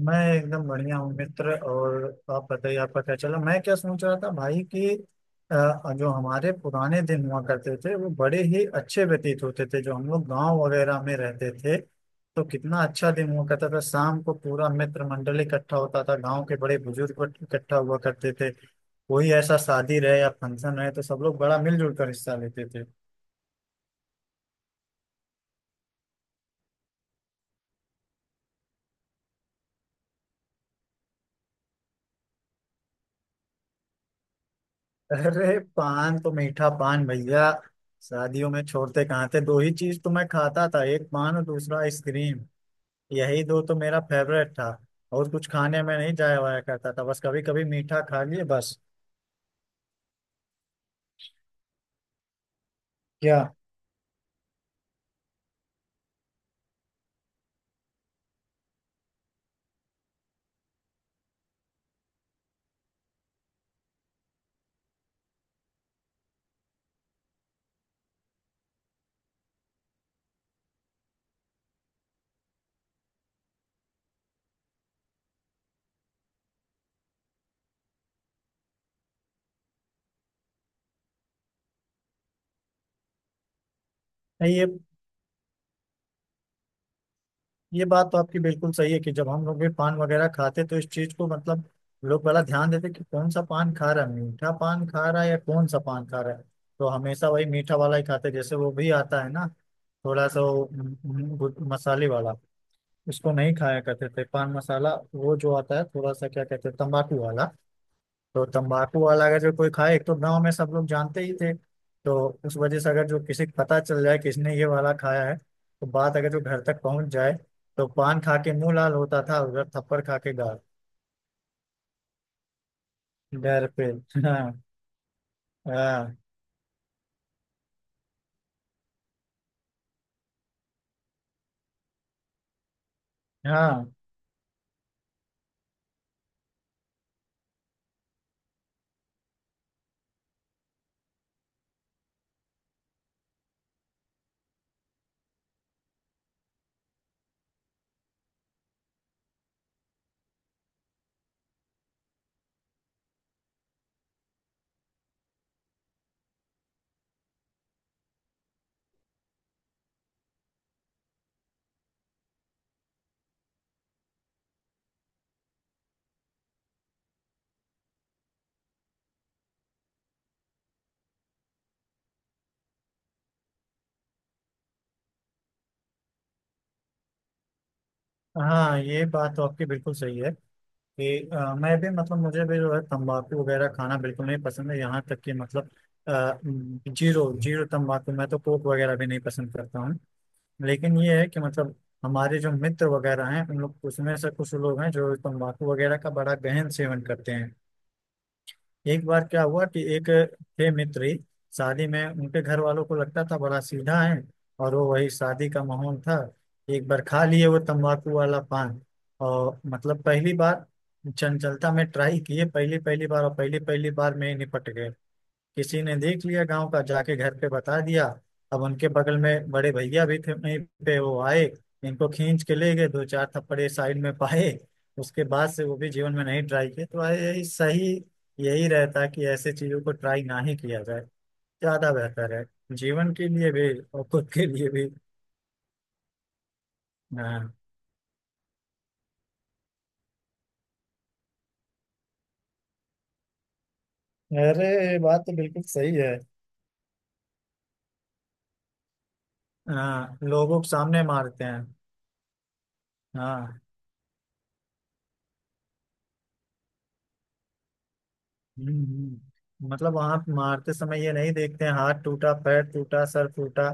मैं एकदम बढ़िया हूँ मित्र। और आप बताइए आपका क्या चला। मैं क्या सोच रहा था भाई कि जो हमारे पुराने दिन हुआ करते थे वो बड़े ही अच्छे व्यतीत होते थे, जो हम लोग गांव वगैरह में रहते थे। तो कितना अच्छा दिन हुआ करता था, शाम को पूरा मित्र मंडल इकट्ठा होता था, गांव के बड़े बुजुर्ग इकट्ठा हुआ करते थे। कोई ऐसा शादी रहे या फंक्शन रहे तो सब लोग बड़ा मिलजुल कर हिस्सा लेते थे। अरे पान तो मीठा पान भैया, शादियों में छोड़ते कहाँ थे। दो ही चीज तो मैं खाता था, एक पान और दूसरा आइसक्रीम। यही दो तो मेरा फेवरेट था। और कुछ खाने में नहीं जाया वाया करता था, बस कभी कभी मीठा खा लिए बस। क्या? नहीं ये बात तो आपकी बिल्कुल सही है कि जब हम लोग भी पान वगैरह खाते तो इस चीज को मतलब लोग बड़ा ध्यान देते कि कौन सा पान खा रहा है, मीठा पान खा रहा है या कौन सा पान खा रहा है। तो हमेशा वही मीठा वाला ही खाते, जैसे वो भी आता है ना थोड़ा सा वो, मसाले वाला। इसको नहीं खाया करते थे पान मसाला, वो जो आता है थोड़ा सा, क्या कहते हैं, तंबाकू वाला। तो तंबाकू वाला अगर जो कोई खाए, एक तो गांव में सब लोग जानते ही थे। तो उस वजह से अगर जो किसी को पता चल जाए कि इसने ये वाला खाया है, तो बात अगर जो घर तक पहुंच जाए, तो पान खा के मुंह लाल होता था, उधर थप्पड़ खा के गाल। डर पे हाँ। हाँ। हाँ। हाँ ये बात तो आपकी बिल्कुल सही है कि मैं भी मतलब मुझे भी जो है तंबाकू वगैरह खाना बिल्कुल नहीं पसंद है, यहाँ तक कि मतलब अ, जीरो जीरो तंबाकू, मैं तो कोक वगैरह भी नहीं पसंद करता हूँ। लेकिन ये है कि मतलब हमारे जो मित्र वगैरह हैं उन लोग उसमें से कुछ लोग हैं जो तंबाकू वगैरह का बड़ा गहन सेवन करते हैं। एक बार क्या हुआ कि एक थे मित्री, शादी में उनके घर वालों को लगता था बड़ा सीधा है। और वो वही शादी का माहौल था। एक बार खा लिए वो तंबाकू वाला पान, और मतलब पहली बार, चंचलता में ट्राई किए पहली पहली बार, और पहली पहली बार में ही निपट गए। किसी ने देख लिया गांव का, जाके घर पे बता दिया। अब उनके बगल में बड़े भैया भी थे वहीं पे, वो आए, इनको खींच के ले गए, दो चार थप्पड़े साइड में पाए। उसके बाद से वो भी जीवन में नहीं ट्राई किए, तो यही सही। यही रहता है कि ऐसे चीजों को ट्राई ना ही किया जाए, ज्यादा बेहतर है, जीवन के लिए भी और खुद के लिए भी। हाँ। अरे ये बात तो बिल्कुल सही है। हाँ लोगों के सामने मारते हैं। हाँ। मतलब वहां मारते समय ये नहीं देखते हैं हाथ टूटा पैर टूटा सर टूटा,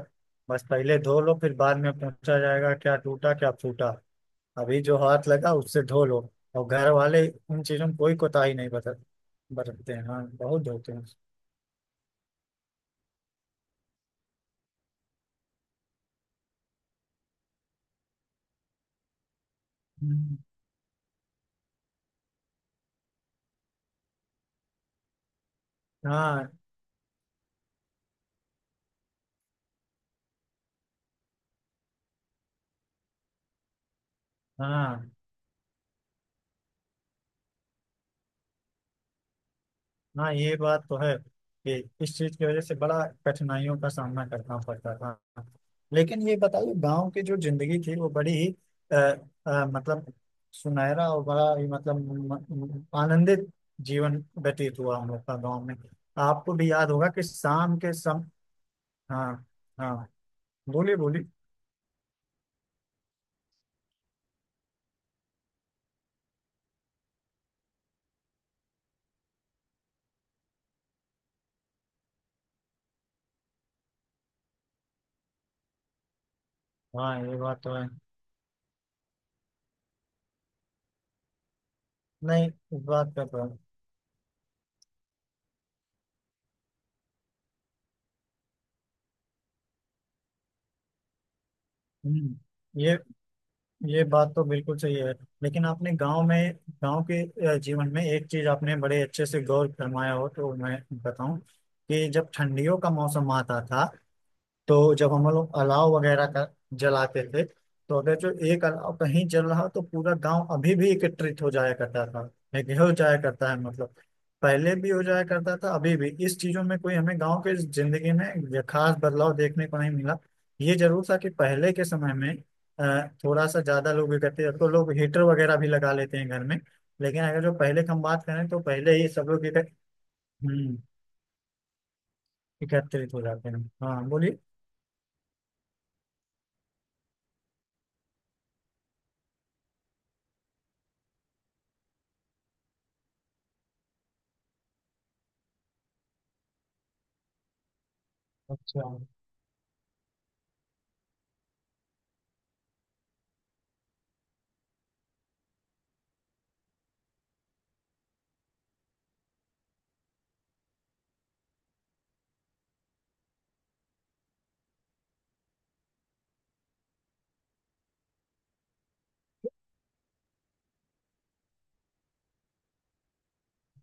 बस पहले धो लो फिर बाद में पूछा जाएगा क्या टूटा क्या फूटा। अभी जो हाथ लगा उससे धो लो। और घर वाले उन चीजों में कोई कोताही नहीं बरतते हैं, हाँ बहुत धोते हैं। हम्म। हाँ। हाँ। हाँ ये बात तो है कि इस चीज की वजह से बड़ा कठिनाइयों का सामना करना पड़ता था। लेकिन ये बताइए गांव की जो जिंदगी थी वो बड़ी ही अ, मतलब सुनहरा, और बड़ा ही मतलब आनंदित जीवन व्यतीत हुआ हम लोग का गाँव में। आपको भी याद होगा कि शाम के सम। हाँ। हाँ बोलिए, बोलिए। हाँ ये बात तो है। नहीं इस बात का तो है। हम्म, ये ये बात तो बिल्कुल सही है। लेकिन आपने गांव में, गांव के जीवन में एक चीज आपने बड़े अच्छे से गौर फरमाया हो तो मैं बताऊं कि जब ठंडियों का मौसम आता था, तो जब हम लोग अलाव वगैरह का जलाते थे, तो अगर जो एक अलाव कहीं जल रहा तो पूरा गांव अभी भी एकत्रित हो जाया करता था। एक हो जाया करता है मतलब, पहले भी हो जाया करता था अभी भी, इस चीजों में कोई हमें गांव के जिंदगी में ये खास बदलाव देखने को नहीं मिला। ये जरूर था कि पहले के समय में थोड़ा सा ज्यादा लोग इकट्ठे, अब तो लोग हीटर वगैरह भी लगा लेते हैं घर में। लेकिन अगर जो पहले की हम बात करें तो पहले ही सब लोग हम्म, एकत्रित हो जाते हैं। हाँ बोलिए। अच्छा।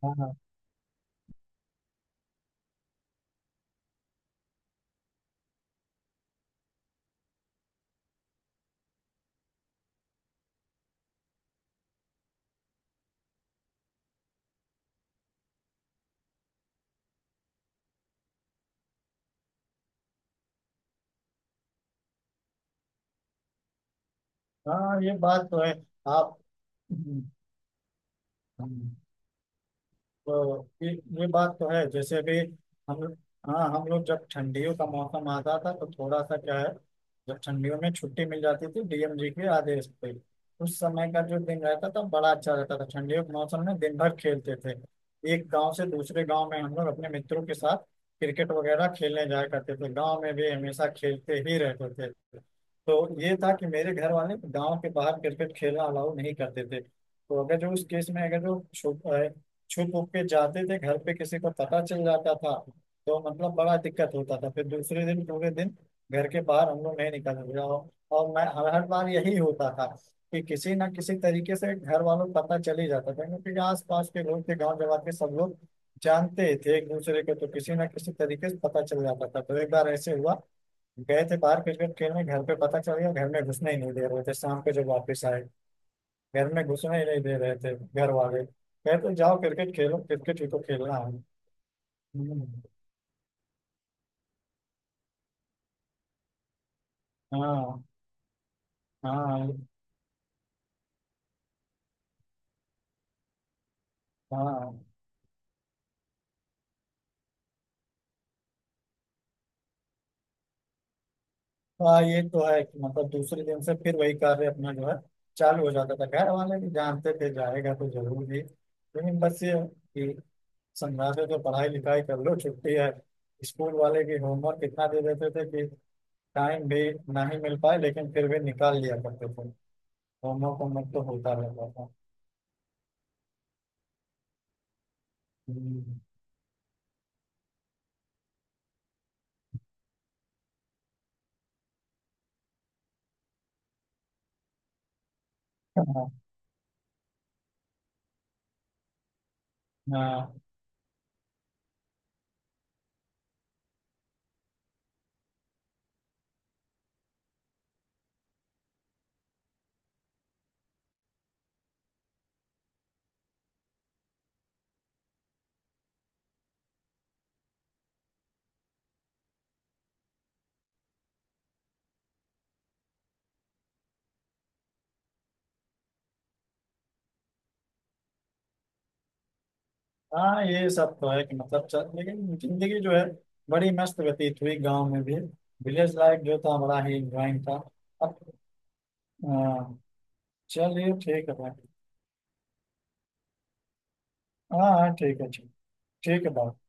हाँ। हाँ ये बात तो है। आप। हम्म। हम्म, तो ये बात तो है जैसे अभी हम। हाँ हम लोग जब ठंडियों का मौसम आता था तो थोड़ा सा क्या है, जब ठंडियों में छुट्टी मिल जाती थी डीएम जी के आदेश पे, उस समय का जो दिन रहता था बड़ा अच्छा रहता था, ठंडियों के मौसम में दिन भर खेलते थे। एक गांव से दूसरे गांव में हम लोग अपने मित्रों के साथ क्रिकेट वगैरह खेलने जाया करते थे, गांव में भी हमेशा खेलते ही रहते थे। तो ये था कि मेरे घर वाले गांव के बाहर क्रिकेट खेलना अलाउ नहीं करते थे, तो अगर जो उस केस में अगर जो छुप उप के जाते थे, घर पे किसी को पता चल जाता था, तो मतलब बड़ा दिक्कत होता था। फिर दूसरे दिन पूरे दिन घर के बाहर हम लोग नहीं निकल रहे। और मैं हर हर बार यही होता था कि किसी ना किसी तरीके से घर वालों को पता चल ही जाता था, क्योंकि आस पास के लोग थे गाँव जवाब के, सब लोग जानते ही थे एक दूसरे को, तो किसी ना किसी तरीके से पता चल जाता था। तो एक बार ऐसे हुआ, गए थे बाहर क्रिकेट खेलने, घर पे पता चल गया, घर में घुसने ही नहीं दे रहे थे शाम को जब वापस आए, घर में घुसने ही नहीं दे रहे थे घर वाले, कहते जाओ क्रिकेट खेलो, क्रिकेट ही तो खेलना है। हम्म। हाँ। हाँ। हाँ। हाँ ये तो है कि मतलब दूसरे दिन से फिर वही कार्य अपना जो है चालू हो जाता था, घर वाले भी जानते थे जाएगा तो जरूर भी, लेकिन बस ये है कि समझाते थे पढ़ाई लिखाई कर लो छुट्टी है, स्कूल वाले की होमवर्क इतना दे देते थे कि टाइम भी ना ही मिल पाए, लेकिन फिर भी निकाल लिया करते थे। होमवर्क होमवर्क तो होता रहता था। हम्म। हाँ। हाँ ये सब तो है कि मतलब चल, लेकिन जिंदगी जो है बड़ी मस्त व्यतीत हुई गांव में भी, विलेज लाइफ जो था बड़ा ही इंजॉइंग था। अब। हाँ, चलिए ठीक है भाई। हाँ हाँ ठीक है ठीक। ठीक है, बाय।